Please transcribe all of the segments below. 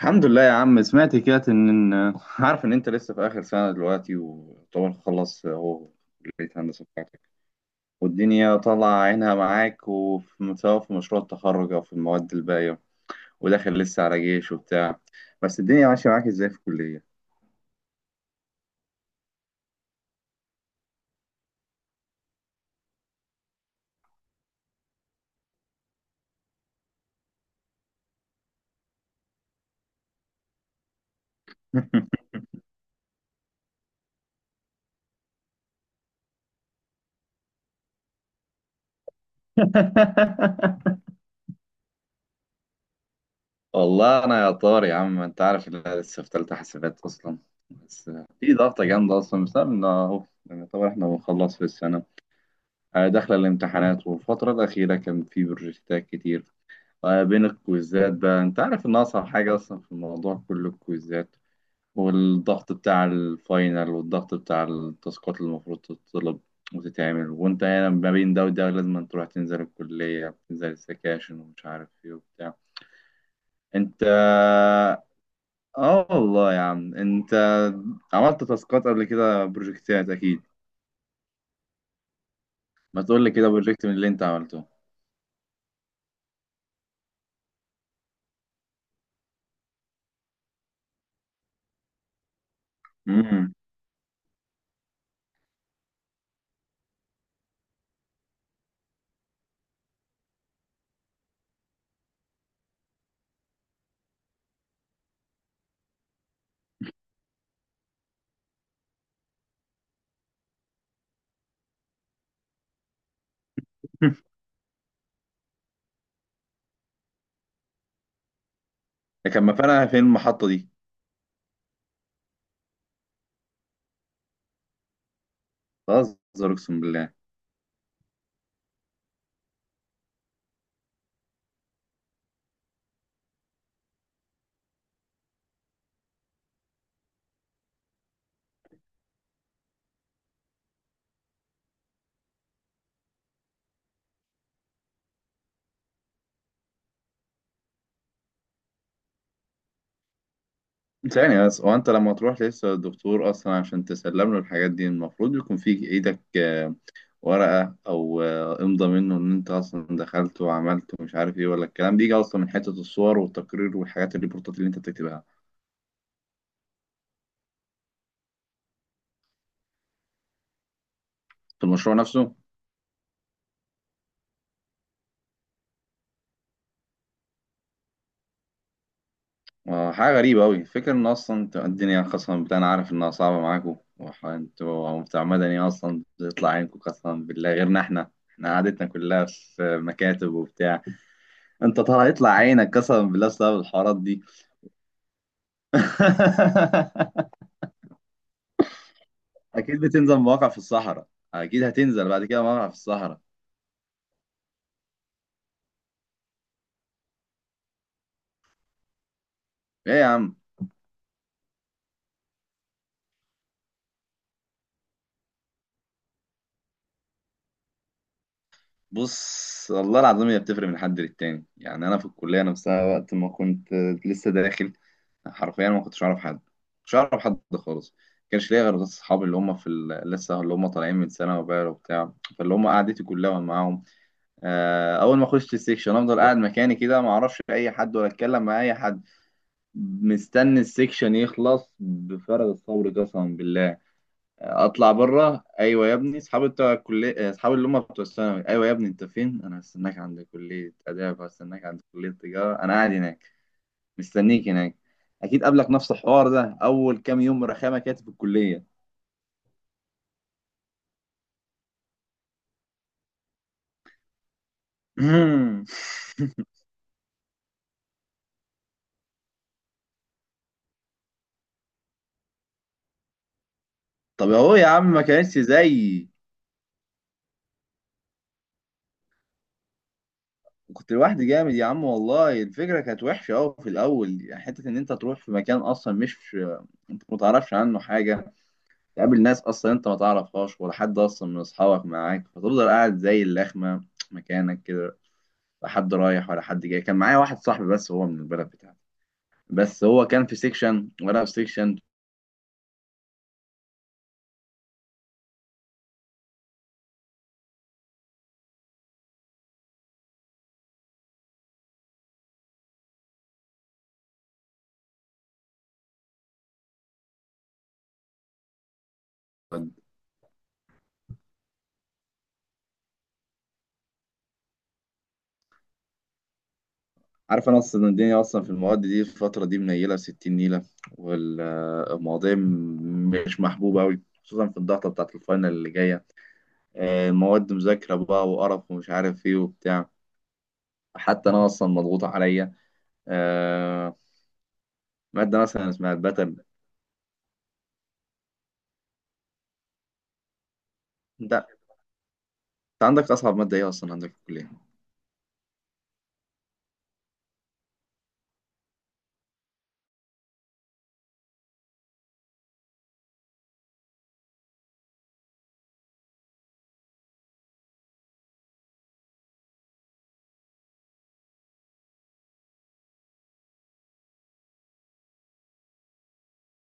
الحمد لله يا عم. سمعت كده ان عارف ان انت لسه في اخر سنه دلوقتي، وطبعا خلص اهو كليه هندسه بتاعتك، والدنيا طالعه عينها معاك، وفي سواء في مشروع التخرج او في المواد الباقيه، وداخل لسه على جيش وبتاع. بس الدنيا ماشيه معاك ازاي في الكليه؟ والله انا يا طار يا عم، انت عارف ان انا لسه في ثالثه حسابات اصلا. بس في ضغطه جامده اصلا بسبب ان اهو يعني طبعا احنا بنخلص في السنه. داخلة الامتحانات، والفترة الأخيرة كان في بروجكتات كتير. بين الكويزات بقى، أنت عارف إن أصعب حاجة أصلا في الموضوع كله الكويزات، والضغط بتاع الفاينل، والضغط بتاع التاسكات اللي المفروض تطلب وتتعمل، وأنت هنا ما بين ده وده لازم أن تروح تنزل الكلية وتنزل السكاشن ومش عارف إيه وبتاع. أنت آه والله يا عم، أنت عملت تاسكات قبل كده، بروجكتات أكيد. ما تقول لي كده بروجكت من اللي أنت عملته. مم. كان مكانها فين المحطة دي؟ بهزر، أقسم بالله. ثانية بس، هو أنت لما تروح لسه الدكتور أصلا عشان تسلم له الحاجات دي، المفروض يكون في إيدك ورقة أو إمضى منه إن أنت أصلا دخلت وعملت ومش عارف إيه، ولا الكلام بيجي أصلا من حتة الصور والتقرير والحاجات، الريبورتات اللي أنت بتكتبها في المشروع نفسه؟ حاجة غريبة أوي فكرة إن أصلا الدنيا خاصة بالله. أنا عارف إنها صعبة معاكم، وأنتوا بتاع مدني أصلا بتطلع عينكم قسما بالله. غيرنا إحنا قعدتنا كلها في مكاتب وبتاع. انت ترى هيطلع عينك قسما بالله بسبب الحوارات دي. اكيد بتنزل مواقع في الصحراء. اكيد هتنزل بعد كده مواقع في الصحراء. ايه يا عم؟ بص والله العظيم، هي بتفرق من حد للتاني يعني. انا في الكليه نفسها وقت ما كنت لسه داخل، حرفيا ما كنتش اعرف حد. مش اعرف حد خالص، ما كانش ليا غير بس اصحابي اللي هم لسه اللي هم طالعين من ثانوي بقى وبتاع، فاللي هم قعدتي كلها معاهم. اول ما اخش السكشن افضل قاعد مكاني كده، ما اعرفش اي حد ولا اتكلم مع اي حد، مستني السكشن يخلص بفارغ الصبر قسما بالله. اطلع بره، ايوه يا ابني، اصحابي بتوع الكليه، اصحابي اللي هم بتوع الثانوي، ايوه يا ابني انت فين؟ انا هستناك عند كليه اداب، هستناك عند كليه تجاره، انا قاعد هناك مستنيك هناك. اكيد قابلك نفس الحوار ده اول كام يوم، رخامه كانت في الكليه. طب اهو يا عم، ما كانتش زيي. كنت لوحدي جامد يا عم، والله الفكره كانت وحشه قوي في الاول يعني، حته ان انت تروح في مكان اصلا مش انت ما تعرفش عنه حاجه، تقابل ناس اصلا انت ما تعرفهاش ولا حد اصلا من اصحابك معاك، فتفضل قاعد زي اللخمه مكانك كده، لا حد رايح ولا حد جاي. كان معايا واحد صاحبي بس هو من البلد بتاعتي، بس هو كان في سيكشن وانا في سيكشن. عارف انا اصلا الدنيا اصلا في المواد دي في الفتره دي منيله 60 نيله، والمواضيع مش محبوبه قوي، خصوصا في الضغطه بتاعت الفاينل اللي جايه. المواد مذاكره بقى وقرف ومش عارف ايه وبتاع. حتى انا اصلا مضغوط عليا. آه، ماده مثلا اسمها البتر. انت عندك اصعب ماده ايه اصلا عندك في الكليه؟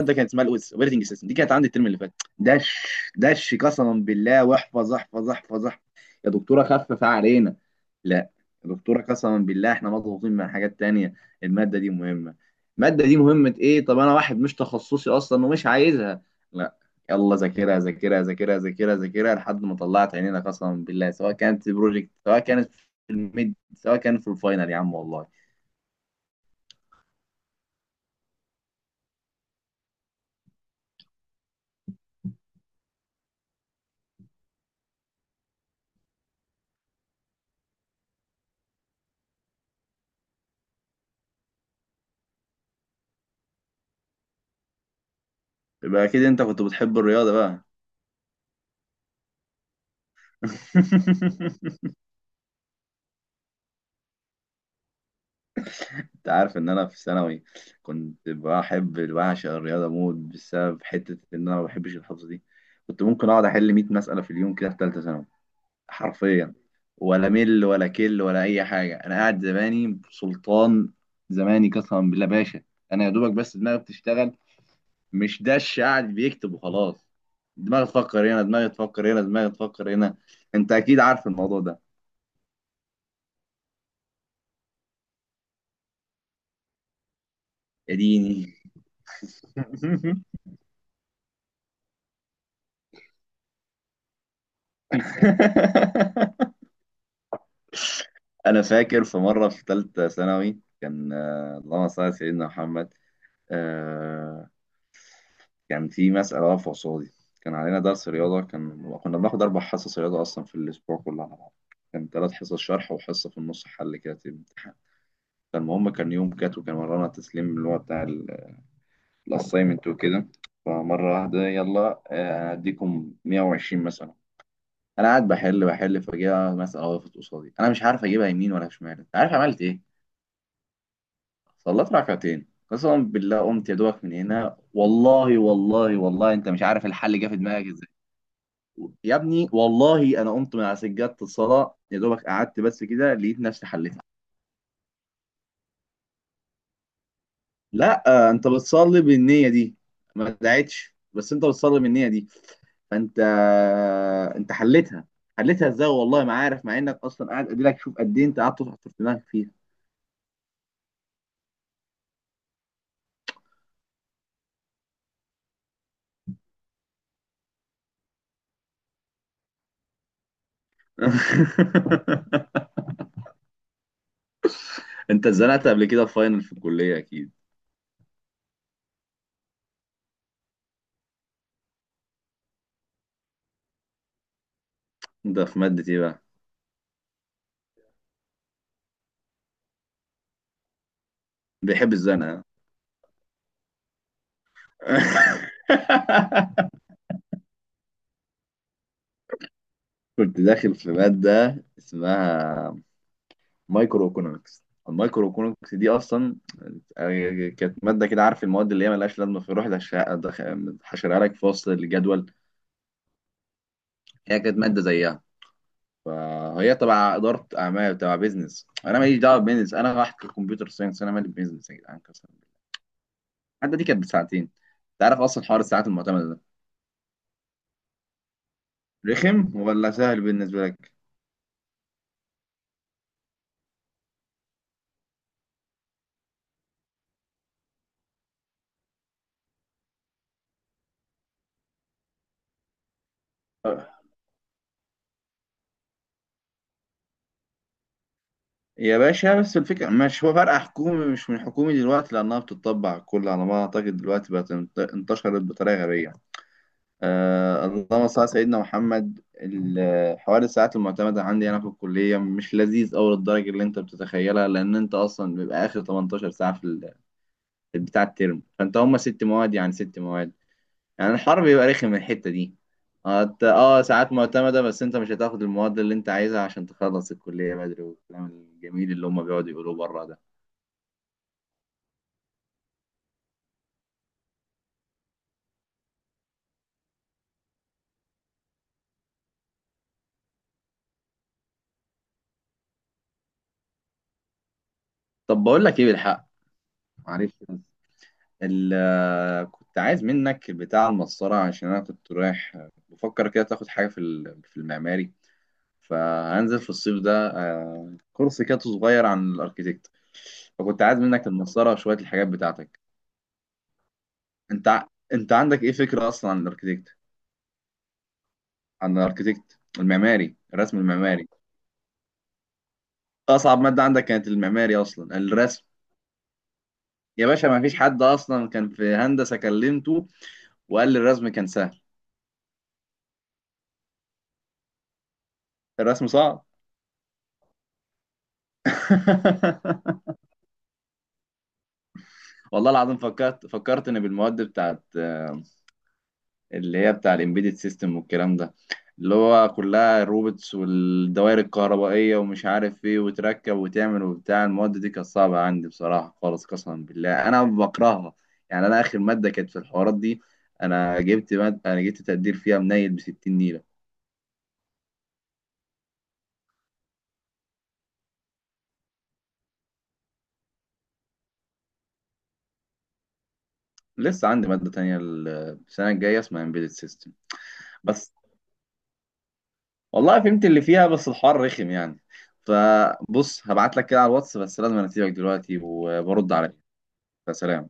ماده كانت اسمها الاوبريتنج سيستم، دي كانت عندي الترم اللي فات. دش، دش قسما بالله، واحفظ احفظ احفظ احفظ. يا دكتوره خفف علينا. لا، يا دكتوره قسما بالله احنا مضغوطين من حاجات تانية. الماده دي مهمه. الماده دي مهمه؟ ايه؟ طب انا واحد مش تخصصي اصلا ومش عايزها. لا، يلا ذاكرها ذاكرها ذاكرها ذاكرها ذاكرها لحد ما طلعت عينينا قسما بالله، سواء كانت في بروجكت، سواء كانت في الميد، سواء كانت في الفاينل، يا عم والله. يبقى اكيد انت كنت بتحب الرياضه بقى. انت عارف ان انا في ثانوي كنت بحب بعشق الرياضه موت، بسبب حته ان انا ما بحبش الحفظ دي. كنت ممكن اقعد احل 100 مساله في اليوم كده في ثالثه ثانوي، حرفيا. ولا مل ولا كل ولا اي حاجه، انا قاعد زماني سلطان، زماني قسما بالله باشا. انا يا دوبك بس دماغي بتشتغل، مش دش قاعد بيكتب وخلاص. دماغي تفكر هنا، دماغي تفكر هنا، دماغي تفكر هنا. انت اكيد عارف الموضوع ده. يا ديني. انا فاكر في مره في ثالثه ثانوي، كان اللهم صل على سيدنا محمد. آه، كان في مساله واقفه قصادي. كان علينا درس رياضه، كنا بناخد اربع حصص رياضه اصلا في الاسبوع كله على بعض. كان ثلاث حصص شرح وحصه في النص حل كده في الامتحان. فالمهم كان يوم كات، وكان ورانا تسليم اللي هو بتاع الاساينمنت وكده. فمره واحده يلا، هديكم 120 مثلا. انا قاعد بحل بحل، فجاه مساله وقفت قصادي انا مش عارف اجيبها يمين ولا شمال. انت عارف عملت إيه؟ صليت ركعتين. قسما بالله قمت يا دوبك من هنا، والله والله والله انت مش عارف الحل جه في دماغك ازاي. يا ابني والله انا قمت من على سجادة الصلاة يا دوبك قعدت بس كده لقيت نفسي حليتها. لا، انت بتصلي بالنية دي. ما دعيتش بس انت بتصلي بالنية دي. فانت، انت حليتها. حليتها ازاي والله ما عارف، مع انك اصلا قاعد اديلك شوف قد ايه انت قعدت تحط في دماغك فيها. انت اتزنقت قبل كده في فاينل في الكلية اكيد. انت في مادة ايه بقى؟ بيحب الزنقة. كنت داخل في مادة اسمها مايكرو ايكونومكس. المايكرو ايكونومكس دي أصلا كانت مادة كده، عارف المواد اللي هي ملهاش لازمة في روح حشرها لك في وسط الجدول. هي كانت مادة زيها. فهي تبع إدارة أعمال، تبع بيزنس، أنا ماليش دعوة بيزنس، أنا رايح كمبيوتر ساينس، أنا مالي بيزنس يا جدعان قسماً بالله. المادة دي كانت بساعتين. أنت عارف أصلا حوار الساعات المعتمدة ده رخم ولا سهل بالنسبة لك؟ يا باشا بس الفكرة مش هو فرق حكومي، مش من حكومي دلوقتي، لأنها بتطبع كل على ما أعتقد دلوقتي بقت انتشرت بطريقة غبية. آه، اللهم صل على سيدنا محمد. حوار الساعات المعتمدة عندي أنا في الكلية مش لذيذ أوي للدرجة اللي أنت بتتخيلها، لأن أنت أصلا بيبقى آخر 18 ساعة في بتاع الترم، فأنت هما ست مواد، يعني ست مواد، يعني الحر بيبقى رخم من الحتة دي. ساعات معتمدة، بس أنت مش هتاخد المواد اللي أنت عايزها عشان تخلص الكلية بدري، والكلام الجميل اللي هما بيقعدوا يقولوه بره ده. طب بقول لك ايه بالحق. معلش بس، كنت عايز منك بتاع المسطرة، عشان انا كنت رايح بفكر كده تاخد حاجة في المعماري، فهنزل في الصيف ده كورس كده صغير عن الاركيتكت. فكنت عايز منك المسطرة وشوية الحاجات بتاعتك. انت عندك ايه فكرة اصلا عن الاركيتكت؟ عن الاركيتكت المعماري، الرسم المعماري. اصعب مادة عندك كانت المعماري اصلا، الرسم. يا باشا ما فيش حد اصلا كان في هندسة كلمته وقال لي الرسم كان سهل. الرسم صعب. والله العظيم فكرت، ان بالمواد بتاعت اللي هي بتاع الامبيدد سيستم والكلام ده، اللي هو كلها الروبوتس والدوائر الكهربائيه ومش عارف ايه وتركب وتعمل وبتاع. المواد دي كانت صعبه عندي بصراحه خالص قسما بالله، انا بكرهها يعني. انا اخر ماده كانت في الحوارات دي، انا جبت مادة، انا جبت تقدير فيها منيل ب 60 نيله. لسه عندي ماده تانية السنه الجايه اسمها امبيدد سيستم. بس والله فهمت اللي فيها، بس الحوار رخم يعني. فبص هبعت لك كده على الواتس، بس لازم أنا اسيبك دلوقتي وبرد عليك. فسلام.